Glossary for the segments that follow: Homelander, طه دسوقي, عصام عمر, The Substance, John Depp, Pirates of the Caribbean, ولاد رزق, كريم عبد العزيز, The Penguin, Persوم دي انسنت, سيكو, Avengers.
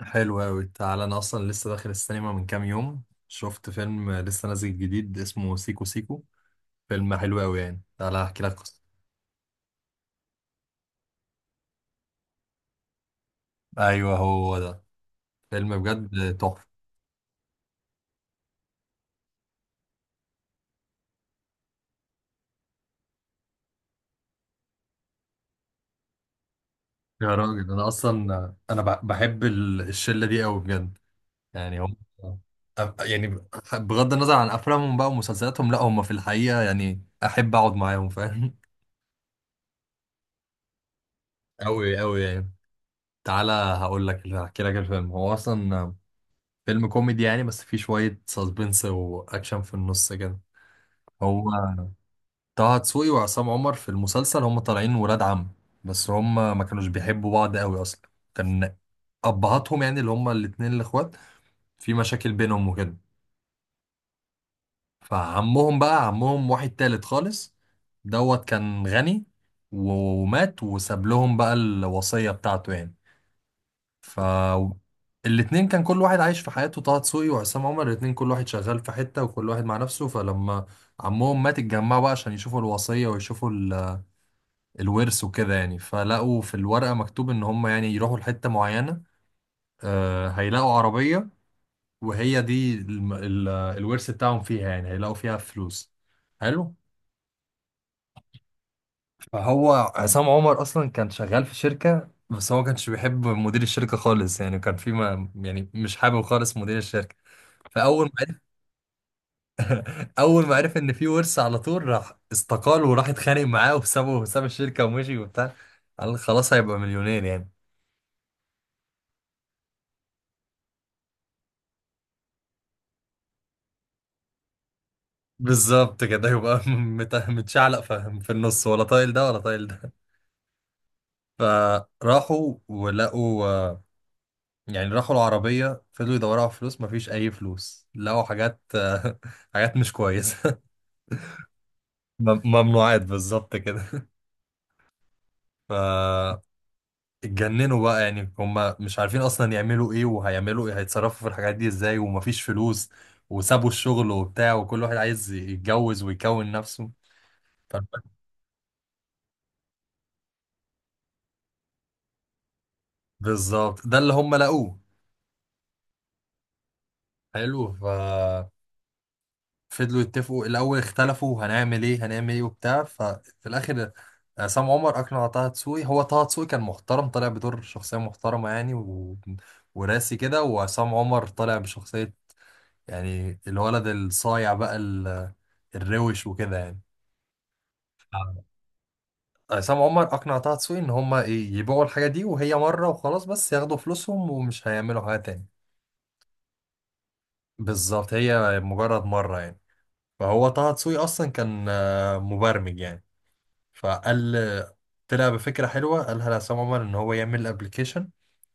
حلو أوي، تعالى. أنا أصلا لسه داخل السينما من كام يوم. شفت فيلم لسه نازل جديد اسمه سيكو سيكو. فيلم حلو أوي يعني، تعالى أحكي لك قصة. أيوه، هو ده. فيلم بجد تحفة. يا راجل، أنا أصلا أنا بحب الشلة دي أوي بجد يعني هم يعني بغض النظر عن أفلامهم بقى ومسلسلاتهم، لأ هم في الحقيقة يعني أحب أقعد معاهم، فاهم. أوي أوي يعني. تعالى هقول لك، هحكي لك الفيلم. هو أصلا فيلم كوميدي يعني، بس فيه شوية ساسبنس وأكشن في النص كده. هو طه دسوقي وعصام عمر في المسلسل هم طالعين ولاد عم، بس هم ما كانوش بيحبوا بعض قوي أصلا. كان أبهاتهم يعني اللي هم الاتنين الإخوات في مشاكل بينهم وكده. فعمهم بقى، عمهم واحد تالت خالص، دوت كان غني و- ومات وساب لهم بقى الوصية بتاعته يعني. ف الاتنين كان كل واحد عايش في حياته، طه دسوقي وعصام عمر الاتنين كل واحد شغال في حتة وكل واحد مع نفسه. فلما عمهم مات اتجمعوا بقى عشان يشوفوا الوصية ويشوفوا الورث وكده يعني. فلقوا في الورقة مكتوب ان هم يعني يروحوا لحتة معينة، هيلاقوا عربية، وهي دي الورث بتاعهم فيها يعني، هيلاقوا فيها فلوس حلو. فهو عصام عمر اصلا كان شغال في شركة بس هو ما كانش بيحب مدير الشركة خالص يعني، كان في ما يعني مش حابب خالص مدير الشركة. فاول ما اول ما عرف ان في ورث على طول راح استقال وراح اتخانق معاه وسابه وساب الشركه ومشي وبتاع. قال خلاص هيبقى مليونير يعني. بالظبط كده يبقى متشعلق في النص، ولا طايل ده ولا طايل ده. فراحوا ولقوا يعني راحوا العربية، فضلوا يدوروا على فلوس مفيش أي فلوس، لقوا حاجات حاجات مش كويسة. ممنوعات بالظبط كده. ف اتجننوا بقى يعني هم مش عارفين اصلا يعملوا ايه وهيعملوا ايه، هيتصرفوا في الحاجات دي ازاي ومفيش فلوس، وسابوا الشغل وبتاع وكل واحد عايز يتجوز ويكون نفسه. ف- بالظبط ده اللي هم لقوه حلو. ففضلوا يتفقوا الاول، اختلفوا هنعمل ايه هنعمل ايه وبتاع. ففي الاخر عصام عمر اقنع طه دسوقي، هو طه دسوقي كان محترم طالع بدور شخصيه محترمه يعني و... وراسي كده، وعصام عمر طالع بشخصيه يعني الولد الصايع بقى الروش وكده يعني. عصام عمر اقنع طه دسوقي ان هما ايه يبيعوا الحاجه دي وهي مره وخلاص، بس ياخدوا فلوسهم ومش هيعملوا حاجه تاني. بالظبط، هي مجرد مره يعني. فهو طه دسوقي اصلا كان مبرمج يعني. فقال طلع بفكره حلوه قالها لعصام عمر ان هو يعمل ابلكيشن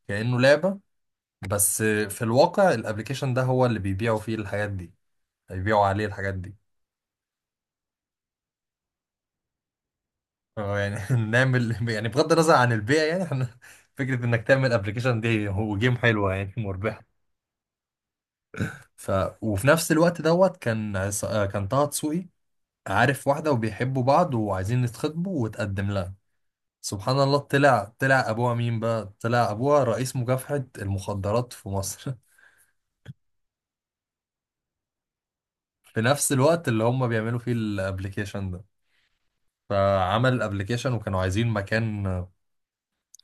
كانه لعبه، بس في الواقع الابلكيشن ده هو اللي بيبيعوا فيه الحاجات دي، هيبيعوا عليه الحاجات دي. اه يعني نعمل يعني، بغض النظر عن البيع يعني، احنا فكرة انك تعمل ابلكيشن دي هو جيم حلوة يعني مربحة. ف وفي نفس الوقت دوت كان كان طه دسوقي عارف واحدة وبيحبوا بعض وعايزين يتخطبوا وتقدم لها. سبحان الله، طلع ابوها مين بقى؟ طلع ابوها رئيس مكافحة المخدرات في مصر. في نفس الوقت اللي هم بيعملوا فيه الابلكيشن ده. فعمل الابلكيشن وكانوا عايزين مكان،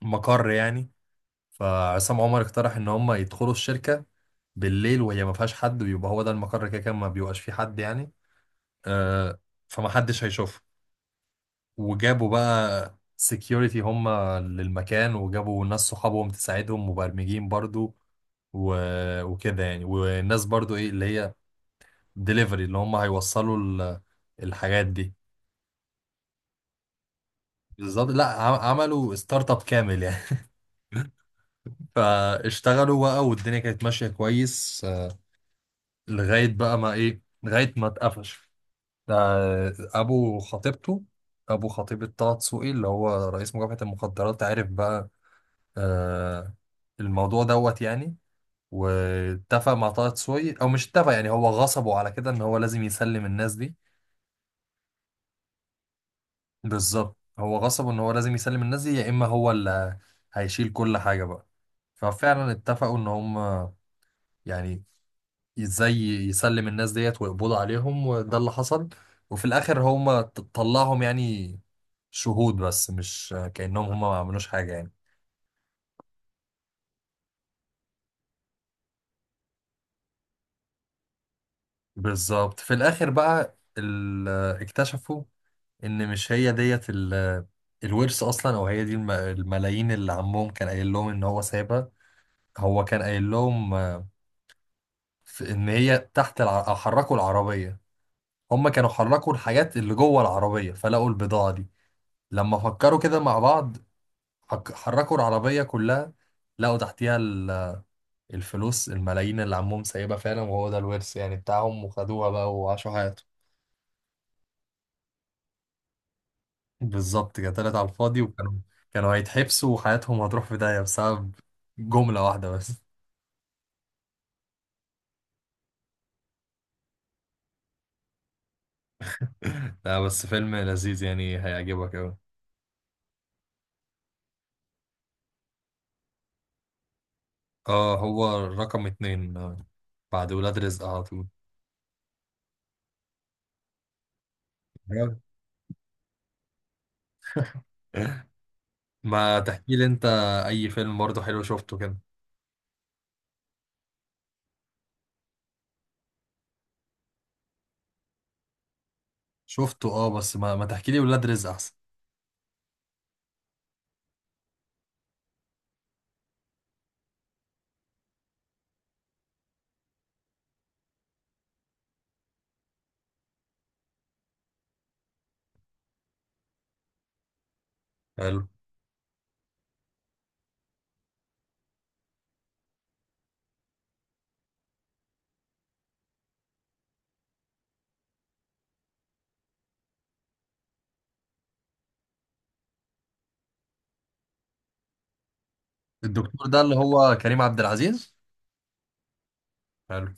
مقر يعني. فعصام عمر اقترح ان هم يدخلوا الشركه بالليل وهي ما فيهاش حد ويبقى هو ده المقر، كده كان ما بيبقاش فيه حد يعني. آه، فمحدش هيشوفه. وجابوا بقى سكيورتي هم للمكان، وجابوا ناس صحابهم تساعدهم مبرمجين برضو، و... وكده يعني. والناس برضو ايه اللي هي ديليفري اللي هم هيوصلوا الحاجات دي. بالظبط، لا عملوا ستارت اب كامل يعني. فاشتغلوا بقى والدنيا كانت ماشية كويس لغاية بقى ما ايه، لغاية ما اتقفش ده ابو خطيبته. ابو خطيبة طه دسوقي اللي هو رئيس مكافحة المخدرات عرف بقى آه الموضوع دوت يعني، واتفق مع طه دسوقي او مش اتفق يعني، هو غصبه على كده ان هو لازم يسلم الناس دي. بالظبط، هو غصبه ان هو لازم يسلم الناس دي يا اما هو اللي هيشيل كل حاجة بقى. ففعلا اتفقوا ان هم يعني ازاي يسلم الناس ديت ويقبضوا عليهم وده اللي حصل. وفي الاخر هم طلعهم يعني شهود، بس مش كأنهم هم ما عملوش حاجة يعني. بالظبط، في الآخر بقى اكتشفوا إن مش هي ديت الورث أصلا، أو هي دي الملايين اللي عمهم كان قايل لهم إن هو سايبها. هو كان قايل لهم إن هي تحت أو حركوا العربية، هم كانوا حركوا الحاجات اللي جوه العربية فلقوا البضاعة دي. لما فكروا كده مع بعض حركوا العربية كلها، لقوا تحتيها الفلوس الملايين اللي عمهم سايبها فعلا، وهو ده الورث يعني بتاعهم، وخدوها بقى وعاشوا حياتهم. بالظبط كده، طلعت على الفاضي، وكانوا كانوا هيتحبسوا وحياتهم هتروح في داهية بسبب جملة واحدة بس. لا، بس فيلم لذيذ يعني هيعجبك أوي. اه، هو رقم 2 بعد ولاد رزق على طول. جامد. ما تحكي لي انت اي فيلم برضه حلو شفته كده؟ شفته، اه، بس ما تحكي لي ولاد رزق احسن. حلو. الدكتور ده اللي هو كريم عبد العزيز. حلو.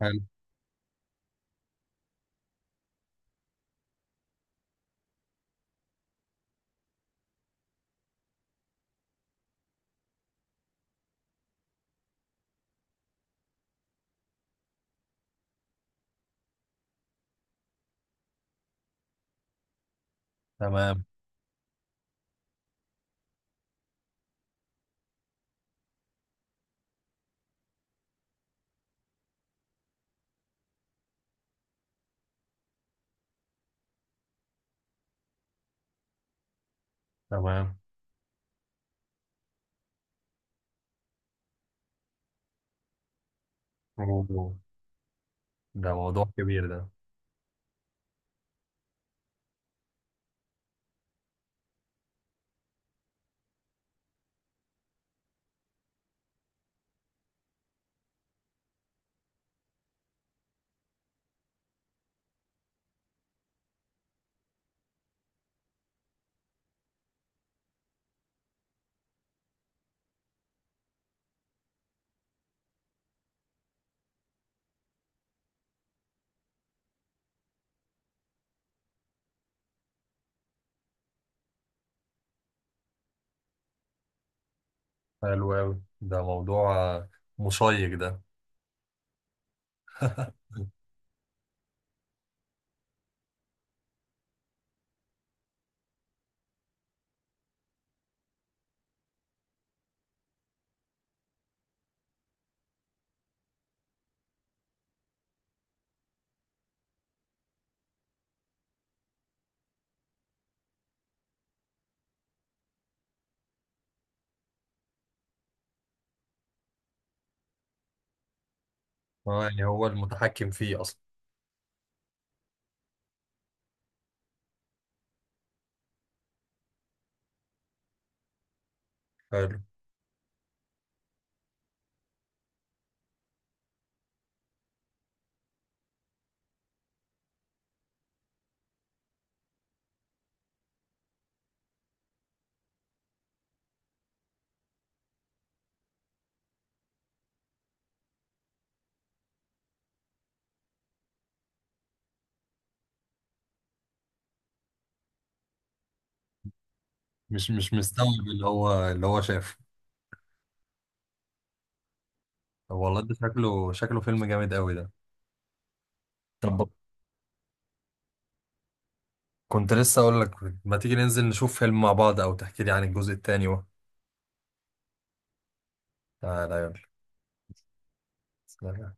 حلو. تمام. تمام. أوه. ده موضوع كبير ده. حلو أوي، ده موضوع مشيق ده. اه يعني هو المتحكم فيه أصلا. حلو. مش مستوعب اللي هو شافه. طب والله ده شكله فيلم جامد أوي ده. طب، كنت لسه أقول لك، ما تيجي ننزل نشوف فيلم مع بعض أو تحكي لي عن الجزء التاني و... تعالى. يلا.